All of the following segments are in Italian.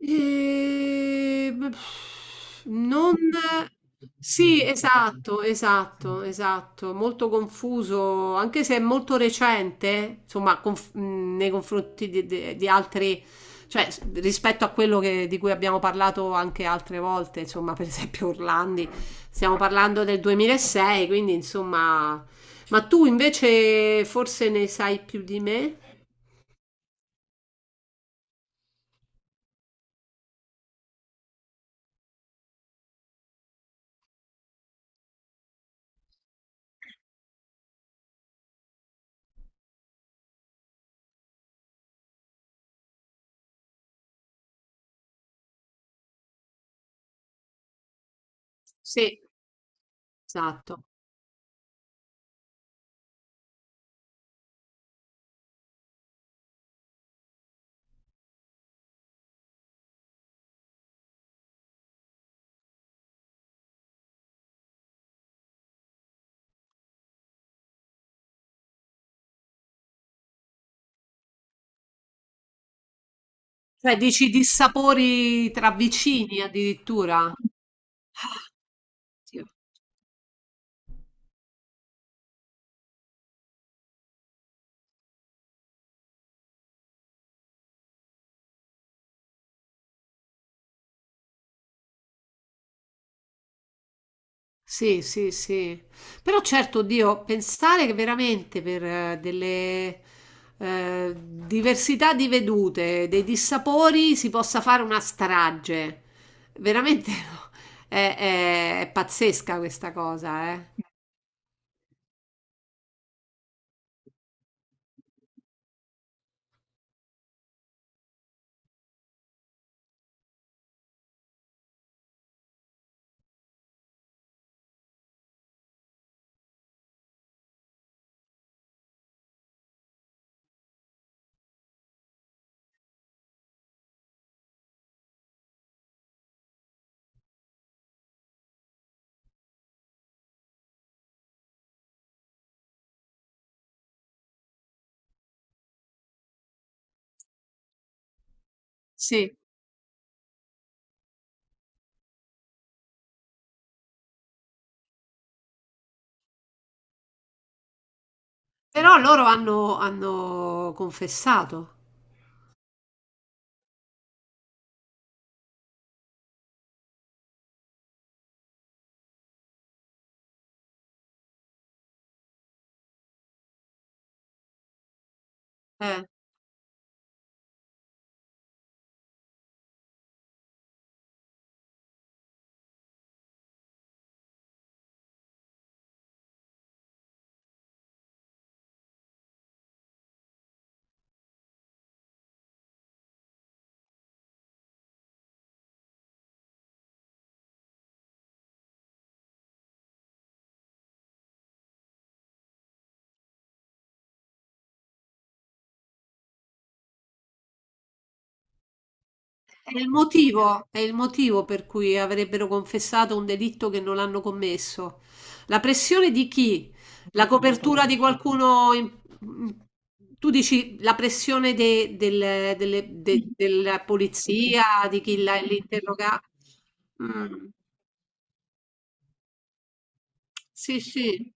Ehm, non sì, esatto, esatto, esatto, molto confuso, anche se è molto recente, insomma, nei confronti di altri, rispetto a quello di cui abbiamo parlato anche altre volte, insomma, per esempio Orlandi, stiamo parlando del 2006, quindi insomma, ma tu invece forse ne sai più di me? Sì, esatto. Cioè, dici dissapori tra vicini addirittura? Oddio. Sì, sì, sì. Però certo, Dio, pensare che veramente per delle eh, diversità di vedute, dei dissapori, si possa fare una strage. Veramente è, è pazzesca questa cosa, eh. Sì. Però hanno confessato. Eh. È il motivo per cui avrebbero confessato un delitto che non hanno commesso. La pressione di chi? La copertura di qualcuno... in- tu dici la pressione de- del- delle- de- della polizia, di chi l'interroga? Mm, sì, sì.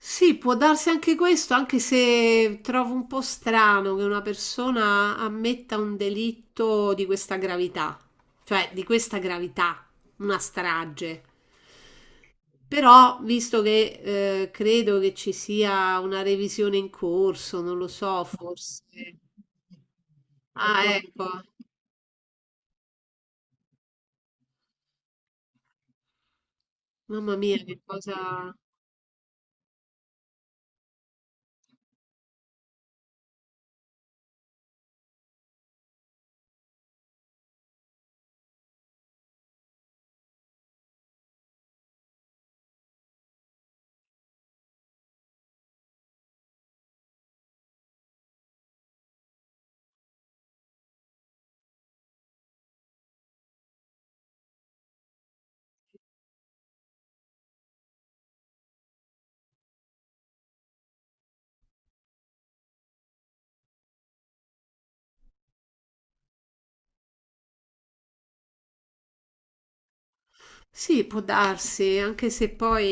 Sì, può darsi anche questo, anche se trovo un po' strano che una persona ammetta un delitto di questa gravità, cioè di questa gravità, una strage. Però, visto che credo che ci sia una revisione in corso, non lo so, forse. Ah, ecco, mamma mia, che cosa. Sì, può darsi, anche se poi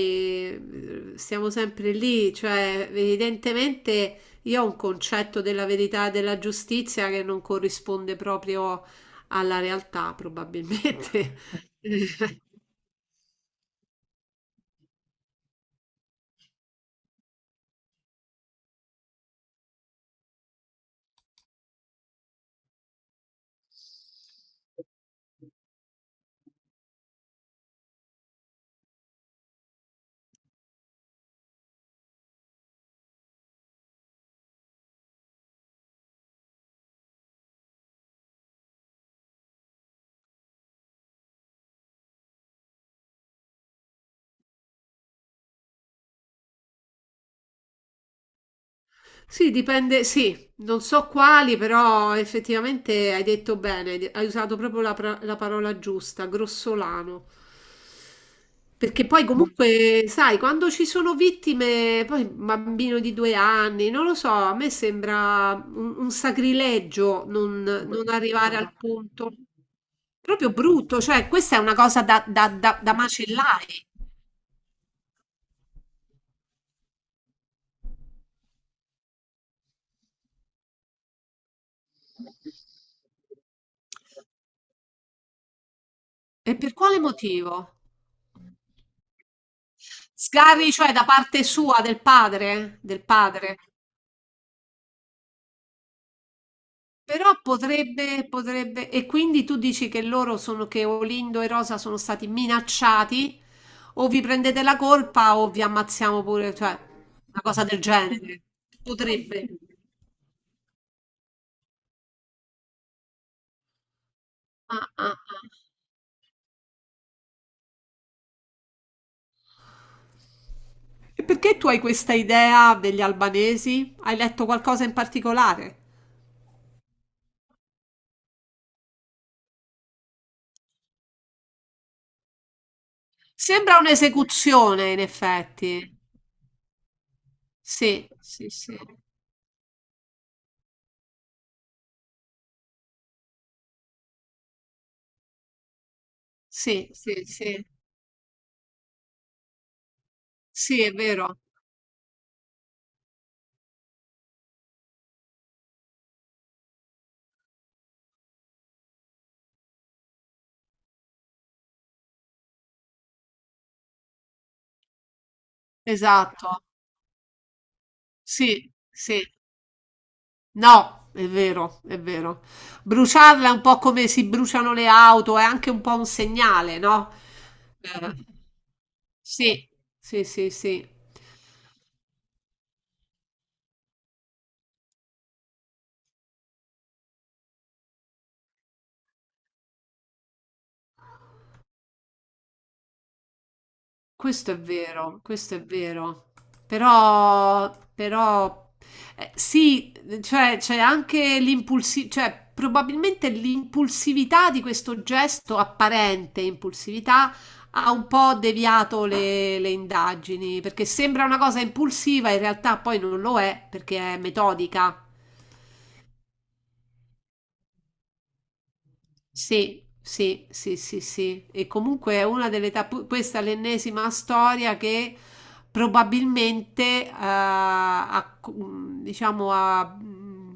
siamo sempre lì, cioè evidentemente io ho un concetto della verità e della giustizia che non corrisponde proprio alla realtà, probabilmente. Sì, dipende, sì, non so quali, però effettivamente hai detto bene, hai usato proprio la parola giusta, grossolano. Perché poi comunque, sai, quando ci sono vittime, poi un bambino di due anni, non lo so, a me sembra un sacrilegio non arrivare al punto. Proprio brutto, cioè questa è una cosa da macellare. E per quale motivo? Sgravi, cioè da parte sua, del padre. Però potrebbe, e quindi tu dici che Olindo e Rosa sono stati minacciati, o vi prendete la colpa o vi ammazziamo pure, cioè, una cosa del genere. Potrebbe. Ah, ah, ah. E perché tu hai questa idea degli albanesi? Hai letto qualcosa in particolare? Sembra un'esecuzione, in effetti. Sì, sì, sì. Sì, sì, sì. Sì, è vero, esatto. Sì, sì. No, è vero, è vero. Bruciarla è un po' come si bruciano le auto, è anche un po' un segnale, no? Eh, sì, sì, sì, sì. Questo è vero, questo è vero. Però, però, sì, cioè c'è anche l'impulsività, cioè probabilmente l'impulsività di questo gesto, apparente impulsività, ha un po' deviato le indagini, perché sembra una cosa impulsiva, in realtà poi non lo è, perché è metodica. Sì, sì, sì, sì, sì. E comunque è una delle tappe, questa è l'ennesima storia che probabilmente ha, mm, diciamo, ha mm,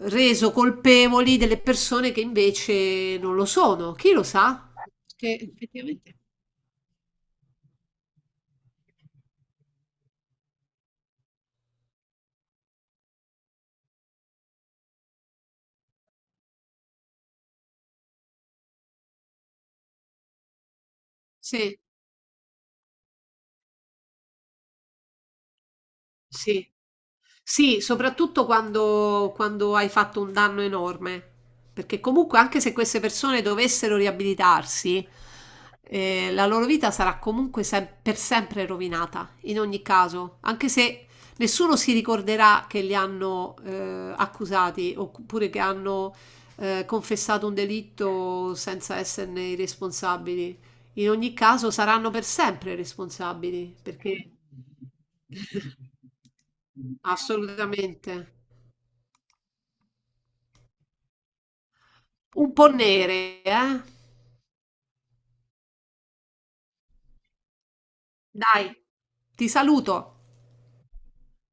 reso colpevoli delle persone che invece non lo sono. Chi lo sa? Che effettivamente. Sì. Sì. Sì, soprattutto quando hai fatto un danno enorme, perché comunque anche se queste persone dovessero riabilitarsi, la loro vita sarà comunque per sempre rovinata, in ogni caso, anche se nessuno si ricorderà che li hanno accusati oppure che hanno confessato un delitto senza esserne i responsabili. In ogni caso saranno per sempre responsabili, perché assolutamente. Un po' nere, eh. Dai, ti saluto.